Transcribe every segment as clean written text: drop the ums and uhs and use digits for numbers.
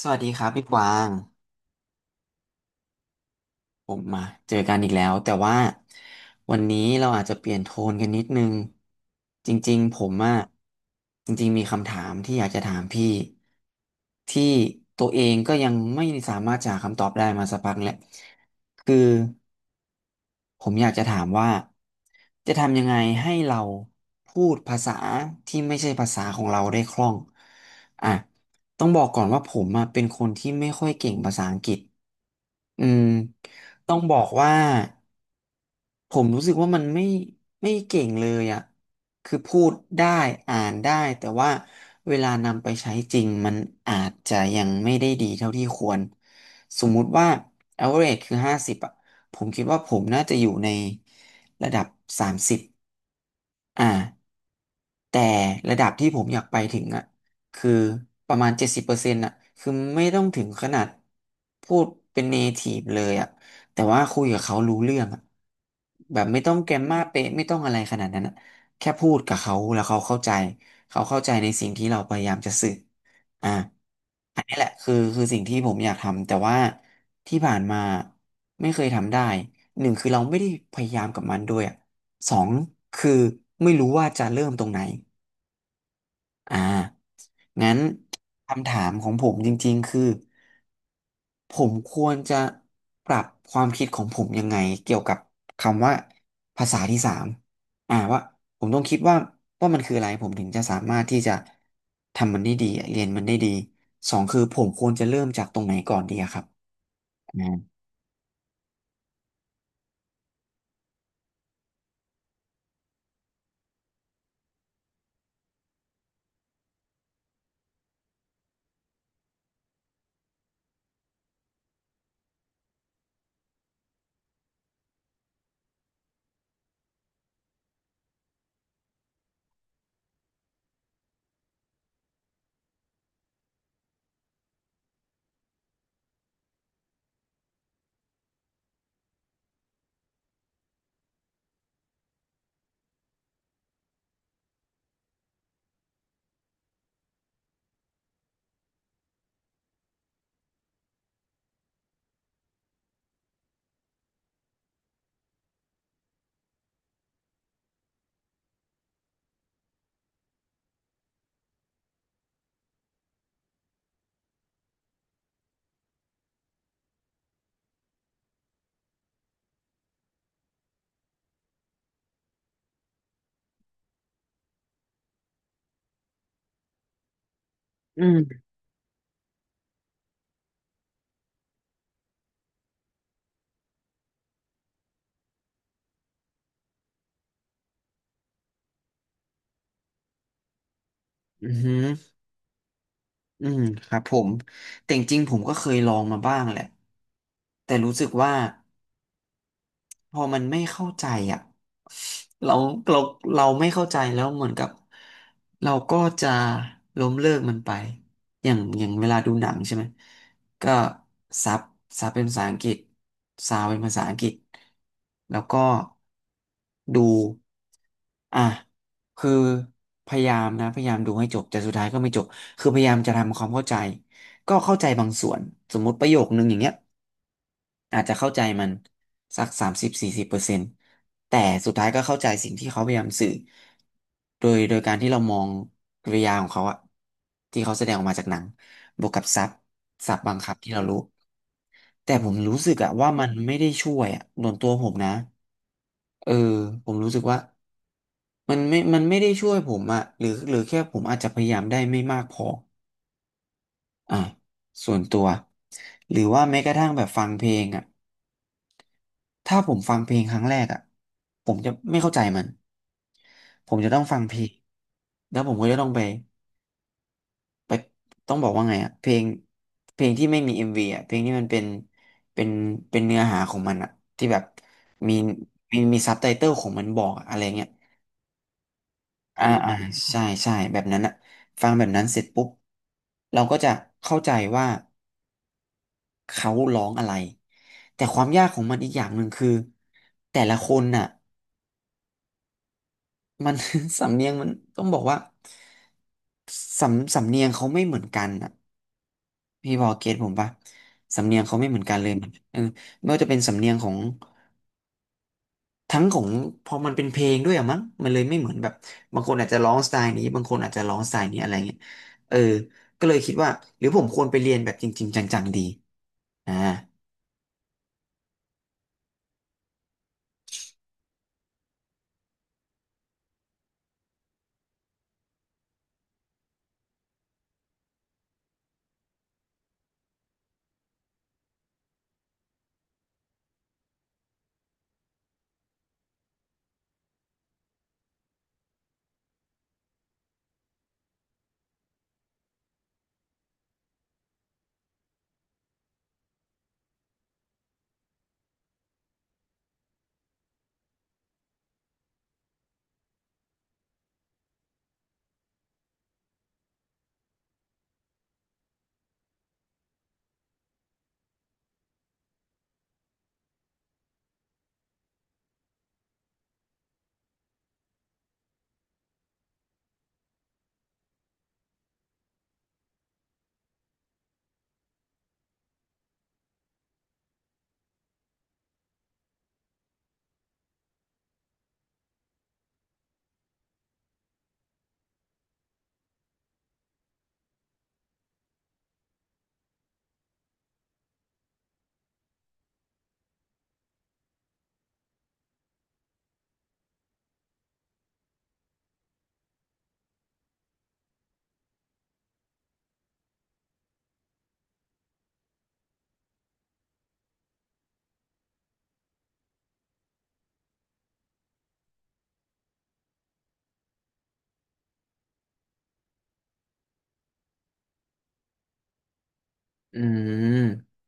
สวัสดีครับพี่กวางผมมาเจอกันอีกแล้วแต่ว่าวันนี้เราอาจจะเปลี่ยนโทนกันนิดนึงจริงๆผมอะจริงๆมีคำถามที่อยากจะถามพี่ที่ตัวเองก็ยังไม่สามารถจะหาคำตอบได้มาสักพักแหละคือผมอยากจะถามว่าจะทำยังไงให้เราพูดภาษาที่ไม่ใช่ภาษาของเราได้คล่องอ่ะต้องบอกก่อนว่าผมอะเป็นคนที่ไม่ค่อยเก่งภาษาอังกฤษ อืมต้องบอกว่าผมรู้สึกว่ามันไม่เก่งเลยอ่ะคือพูดได้อ่านได้แต่ว่าเวลานำไปใช้จริงมันอาจจะยังไม่ได้ดีเท่าที่ควรสมมุติว่า average คือ50อ่ะผมคิดว่าผมน่าจะอยู่ในระดับ30 อ่าแต่ระดับที่ผมอยากไปถึงอ่ะคือประมาณ70%อ่ะคือไม่ต้องถึงขนาดพูดเป็นเนทีฟเลยอ่ะแต่ว่าคุยกับเขารู้เรื่องอ่ะแบบไม่ต้องแกรมมาเป๊ะไม่ต้องอะไรขนาดนั้นอ่ะแค่พูดกับเขาแล้วเขาเข้าใจเขาเข้าใจในสิ่งที่เราพยายามจะสื่ออ่าอันนี้แหละคือสิ่งที่ผมอยากทำแต่ว่าที่ผ่านมาไม่เคยทำได้หนึ่งคือเราไม่ได้พยายามกับมันด้วยอะ สองคือไม่รู้ว่าจะเริ่มตรงไหนอ่างั้นคำถามของผมจริงๆคือผมควรจะปรับความคิดของผมยังไงเกี่ยวกับคำว่าภาษาที่สามอ่าว่าผมต้องคิดว่าว่ามันคืออะไรผมถึงจะสามารถที่จะทำมันได้ดีเรียนมันได้ดีสองคือผมควรจะเริ่มจากตรงไหนก่อนดีอะครับอ่าอือหืออืมครับผมแต่จริงๆผมก็เคยลองมาบ้างแหละแต่รู้สึกว่า พอมันไม่เข้าใจอ่ะเราเราเราไม่เข้าใจแล้วเหมือนกับเราก็จะล้มเลิกมันไปอย่างเวลาดูหนังใช่ไหมก็ซับซับเป็นภาษาอังกฤษซาวเป็นภาษาอังกฤษแล้วก็ดูอ่ะคือพยายามนะพยายามดูให้จบแต่สุดท้ายก็ไม่จบคือพยายามจะทำความเข้าใจก็เข้าใจบางส่วนสมมติประโยคนึงอย่างเงี้ย อาจจะเข้าใจมันสัก30-40%แต่สุดท้ายก็เข้าใจสิ่งที่เขาพยายามสื่อโดยการที่เรามองกริยาของเขาอะที่เขาแสดงออกมาจากหนังบวกกับซับบางคำที่เรารู้แต่ผมรู้สึกอะว่ามันไม่ได้ช่วยอะส่วนตัวผมนะเออผมรู้สึกว่ามันไม่ได้ช่วยผมอะหรือแค่ผมอาจจะพยายามได้ไม่มากพออ่ะส่วนตัวหรือว่าแม้กระทั่งแบบฟังเพลงอ่ะ ถ้าผมฟังเพลงครั้งแรกอ่ะผมจะไม่เข้าใจมันผมจะต้องฟังเพลงแล้วผมก็จะต้องไปต้องบอกว่าไงอ่ะเพลงเพลงที่ไม่มีเอ็มวีอ่ะเพลงที่มันเป็นเป็นเนื้อหาของมันอ่ะที่แบบมีมีซับไตเติลของมันบอกอะอะไรเงี้ยอ่าอ่าใช่ใช่แบบนั้นอ่ะฟังแบบนั้นเสร็จปุ๊บเราก็จะเข้าใจว่าเขาร้องอะไรแต่ความยากของมันอีกอย่างหนึ่งคือแต่ละคนน่ะ มัน สำเนียงมันต้องบอกว่าสำเนียงเขาไม่เหมือนกันอ่ะพี่พอเก็ตผมปะสำเนียงเขาไม่เหมือนกันเลยมันเออไม่ว่าจะเป็นสำเนียงของทั้งของพอมันเป็นเพลงด้วยอะมั้งมันเลยไม่เหมือนแบบบางคนอาจจะร้องสไตล์นี้บางคนอาจจะร้องสไตล์นี้อะไรเงี้ยเออก็เลยคิดว่าหรือผมควรไปเรียนแบบจริงๆจังๆดีอ่าอืม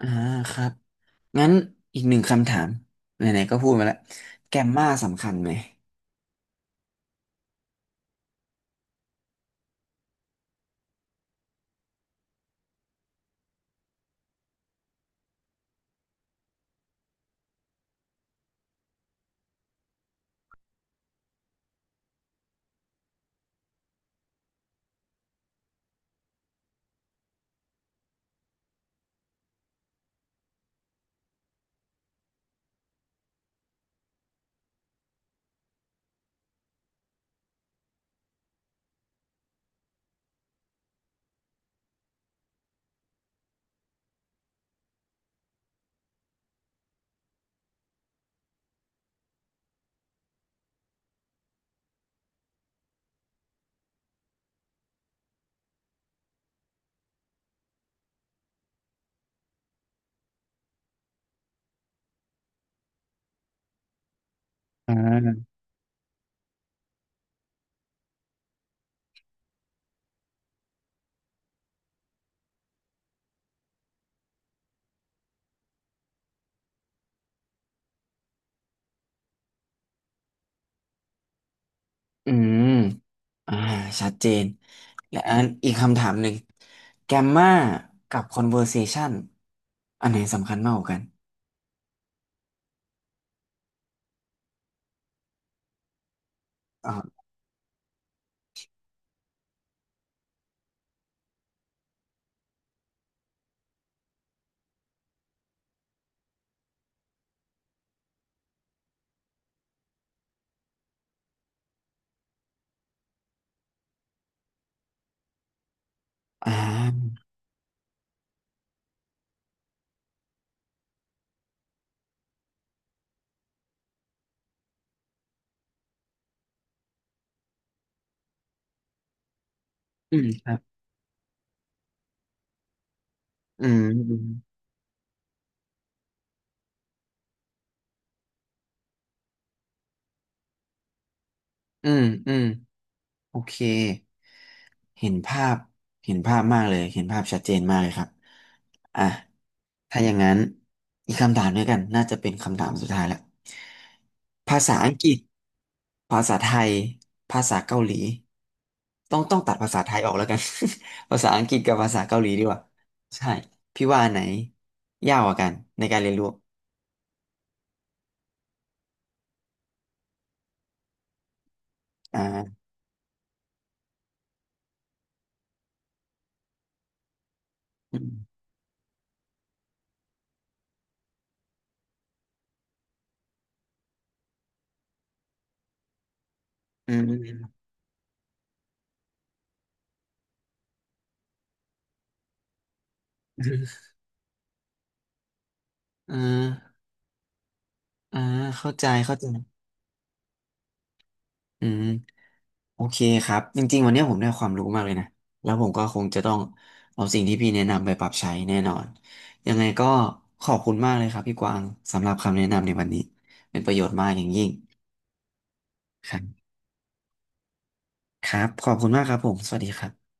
อ่าครับงั้นอีกหนึ่งคำถามไหนๆก็พูดมาแล้วแกมมาสำคัญไหม อ่าอืม อ่าชัดเจน และอันอีกคำถามหนึ่ง แกมมากับ conversation อันไหนสำคัญมากกว่ากันอ่าอ่าอืมครับอืม อืม อืมอืม โอเคเห็นภาพเห็นภาพมากเลยเห็นภาพชัดเจนมากเลยครับอ่ะถ้าอย่างนั้นอีกคำถามด้วยกันน่าจะเป็นคำถามสุดท้ายแล้วภาษาอังกฤษภาษาไทยภาษาเกาหลีต้องตัดภาษาไทยออกแล้วกัน ภาษาอังกฤษกับภาษาเกาหลีดีกว่าใช่พี่ว่าอันไหนยากกว่ากันในการเรียนรู้อ่าอืมอืมอืมออ่าอ่าเข้าใจเข้าใจ อืมโอเคครับจริงๆวันนี้ผมได้ความรู้มากเลยนะแล้วผมก็คงจะต้องเอาสิ่งที่พี่แนะนำไปปรับใช้แน่นอนยังไงก็ขอบคุณมากเลยครับพี่กวางสำหรับคำแนะนำในวันนี้เป็นประโยชน์มากอย่างยิ่งครับครับขอบคุณมากครับผมสวัสดีครับ